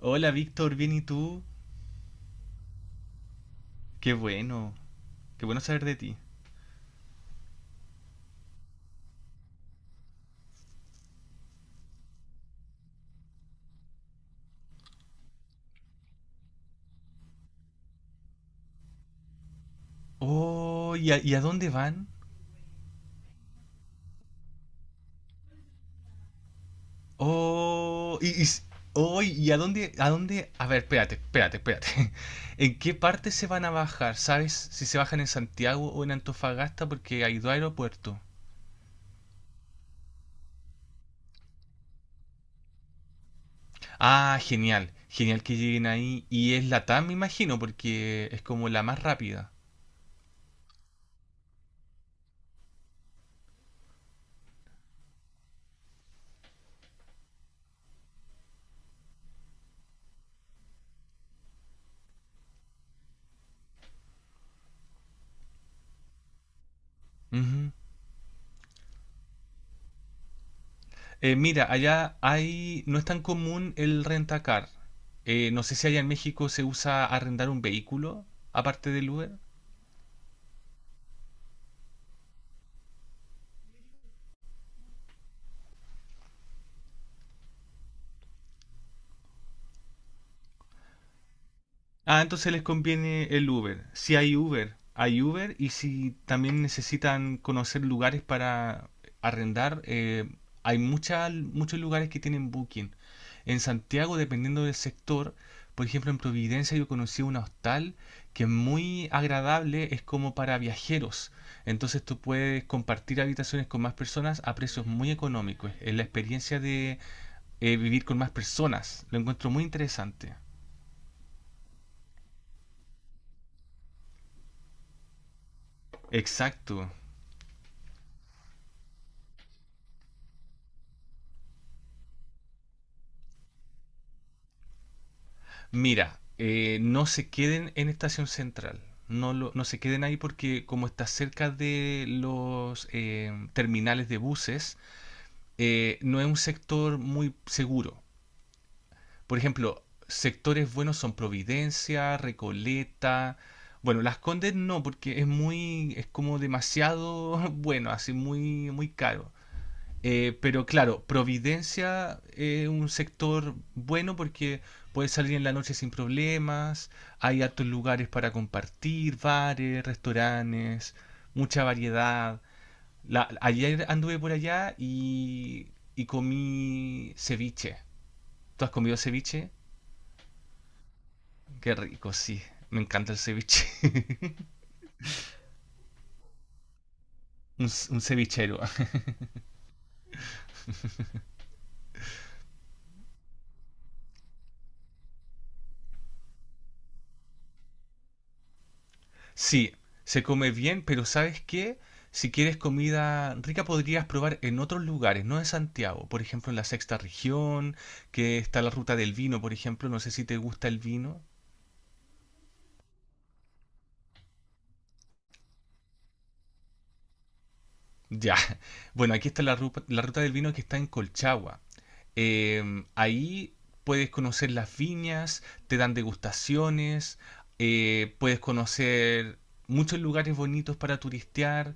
Hola Víctor, bien y tú. Qué bueno, qué bueno saber de ti. Oh, ¿y a dónde van? Oh, y, y s- oh, ¿Y a dónde, a dónde? A ver, espérate, espérate, espérate. ¿En qué parte se van a bajar? ¿Sabes si se bajan en Santiago o en Antofagasta? Porque hay dos aeropuertos. Ah, genial, genial que lleguen ahí. Y es la TAM, me imagino, porque es como la más rápida. Mira, allá hay, no es tan común el rentacar. No sé si allá en México se usa arrendar un vehículo, aparte del Uber. Ah, entonces les conviene el Uber. Si hay Uber, hay Uber. Y si también necesitan conocer lugares para arrendar, muchos lugares que tienen Booking. En Santiago, dependiendo del sector, por ejemplo, en Providencia yo conocí un hostal que es muy agradable, es como para viajeros. Entonces tú puedes compartir habitaciones con más personas a precios muy económicos. Es la experiencia de vivir con más personas. Lo encuentro muy interesante. Exacto. Mira, no se queden en Estación Central. No, no se queden ahí porque como está cerca de los terminales de buses, no es un sector muy seguro. Por ejemplo, sectores buenos son Providencia, Recoleta. Bueno, Las Condes no, porque es muy, es como demasiado bueno, así muy, muy caro. Pero claro, Providencia es un sector bueno porque puedes salir en la noche sin problemas, hay hartos lugares para compartir, bares, restaurantes, mucha variedad. Ayer anduve por allá y comí ceviche. ¿Tú has comido ceviche? Qué rico, sí. Me encanta el ceviche. Un cevichero. Sí, se come bien, pero ¿sabes qué? Si quieres comida rica podrías probar en otros lugares, no en Santiago. Por ejemplo, en la sexta región, que está la ruta del vino, por ejemplo. No sé si te gusta el vino. Ya. Bueno, aquí está la ruta del vino que está en Colchagua. Ahí puedes conocer las viñas, te dan degustaciones, puedes conocer muchos lugares bonitos para turistear.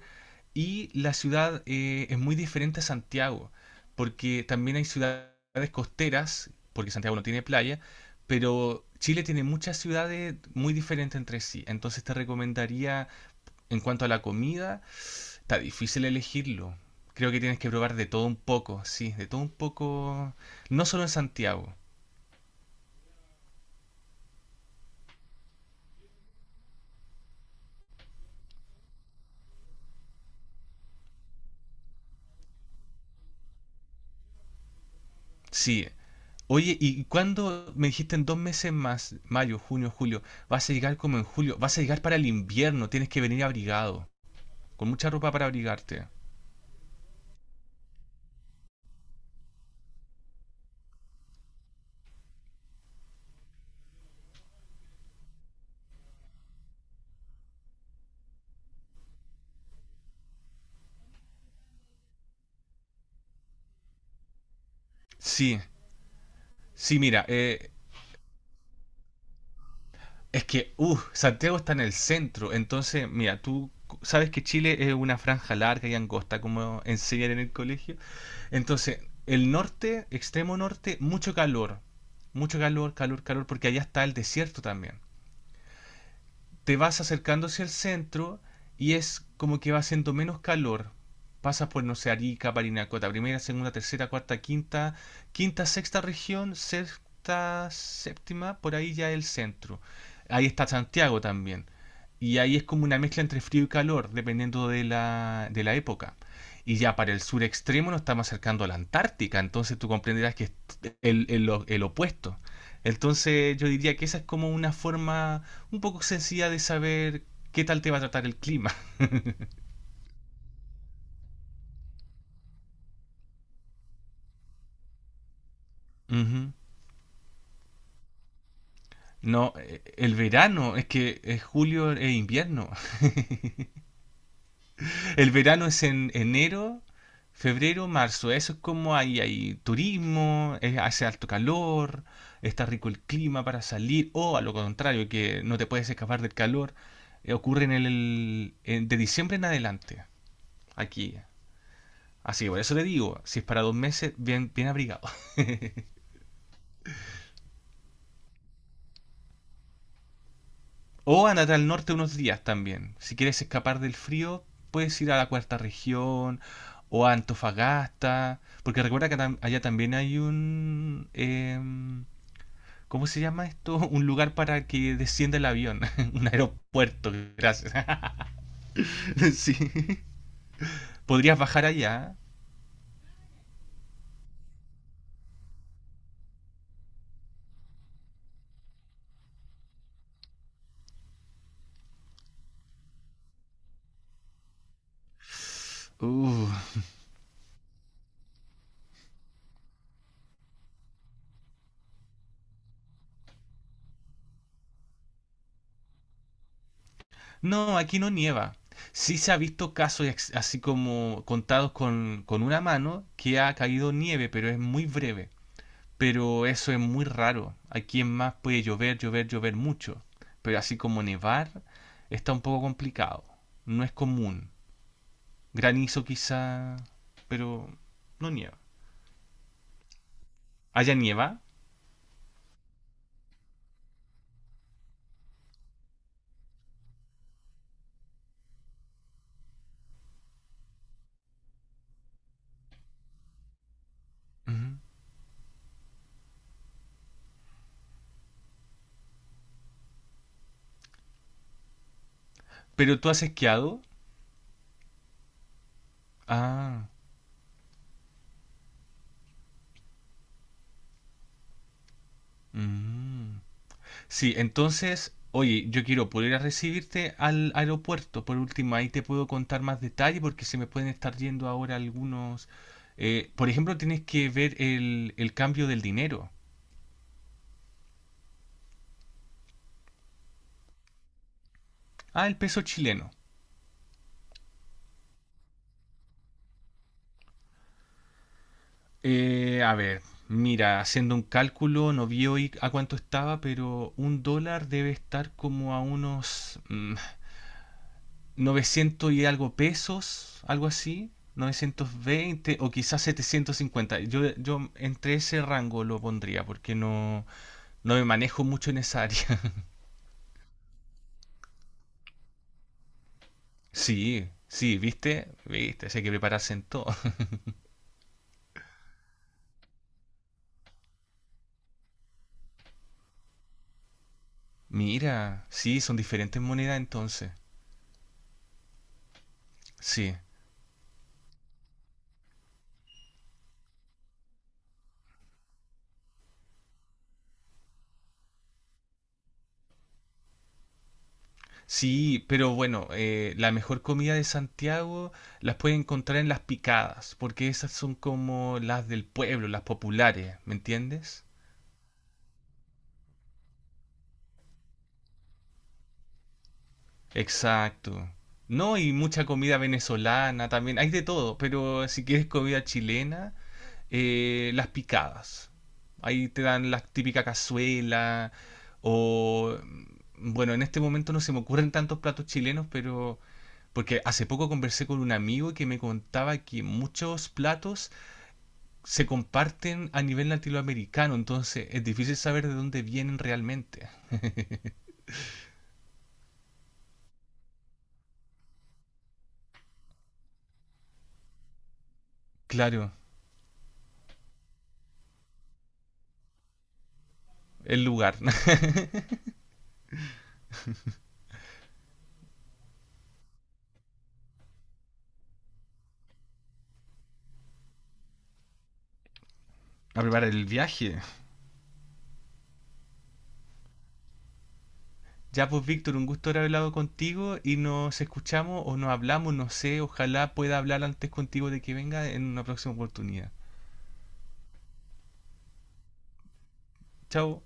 Y la ciudad es muy diferente a Santiago, porque también hay ciudades costeras, porque Santiago no tiene playa, pero Chile tiene muchas ciudades muy diferentes entre sí. Entonces te recomendaría, en cuanto a la comida, está difícil elegirlo. Creo que tienes que probar de todo un poco, sí, de todo un poco, no solo en Santiago, sí. Oye, ¿y cuándo me dijiste en dos meses más, mayo, junio, julio, vas a llegar como en julio, vas a llegar para el invierno, tienes que venir abrigado. Con mucha ropa para abrigarte. Sí, sí, mira, es que, Santiago está en el centro, entonces, mira, tú sabes que Chile es una franja larga y angosta, como enseñan en el colegio. Entonces, el norte, extremo norte, mucho calor, calor, calor, porque allá está el desierto también. Te vas acercando hacia el centro y es como que va haciendo menos calor. Pasas por, no sé, Arica, Parinacota, primera, segunda, tercera, cuarta, quinta, quinta, sexta región, sexta, séptima, por ahí ya el centro. Ahí está Santiago también. Y ahí es como una mezcla entre frío y calor, dependiendo de la época. Y ya para el sur extremo nos estamos acercando a la Antártica, entonces tú comprenderás que es el opuesto. Entonces yo diría que esa es como una forma un poco sencilla de saber qué tal te va a tratar el clima. Ujú. No, el verano, es que es julio e invierno. El verano es en enero, febrero, marzo. Eso es como ahí hay turismo, hace alto calor, está rico el clima para salir, o a lo contrario, que no te puedes escapar del calor. Ocurre en de diciembre en adelante, aquí. Así que por eso te digo, si es para dos meses, bien, bien abrigado. O andate al norte unos días también. Si quieres escapar del frío, puedes ir a la cuarta región o a Antofagasta. Porque recuerda que allá también hay un... ¿Cómo se llama esto? Un lugar para que descienda el avión. Un aeropuerto, gracias. Sí. Podrías bajar allá. Uh. No, aquí no nieva. Sí se ha visto casos así como contados con una mano que ha caído nieve, pero es muy breve. Pero eso es muy raro. Aquí en más puede llover, llover, llover mucho, pero así como nevar está un poco complicado. No es común. Granizo quizá, pero no nieva. ¿Allá nieva? Ujú. ¿Pero tú has esquiado? Ah, mm. Sí, entonces, oye, yo quiero poder ir a recibirte al aeropuerto. Por último, ahí te puedo contar más detalle porque se me pueden estar yendo ahora algunos... por ejemplo, tienes que ver el cambio del dinero. Ah, el peso chileno. A ver, mira, haciendo un cálculo, no vi hoy a cuánto estaba, pero un dólar debe estar como a unos 900 y algo pesos, algo así, 920 o quizás 750. Yo entre ese rango lo pondría porque no, no me manejo mucho en esa área. Sí, sí, ¿viste? ¿Viste? Sí hay que prepararse en todo. Mira, sí, son diferentes monedas entonces. Sí. Sí, pero bueno, la mejor comida de Santiago las puedes encontrar en las picadas, porque esas son como las del pueblo, las populares, ¿me entiendes? Exacto. No, y mucha comida venezolana también, hay de todo, pero si quieres comida chilena, las picadas. Ahí te dan la típica cazuela o... mm, bueno, en este momento no se me ocurren tantos platos chilenos, pero porque hace poco conversé con un amigo que me contaba que muchos platos se comparten a nivel latinoamericano, entonces es difícil saber de dónde vienen realmente. Claro, el lugar. A preparar el viaje. Ya pues Víctor, un gusto haber hablado contigo y nos escuchamos o nos hablamos, no sé, ojalá pueda hablar antes contigo de que venga en una próxima oportunidad. Chao.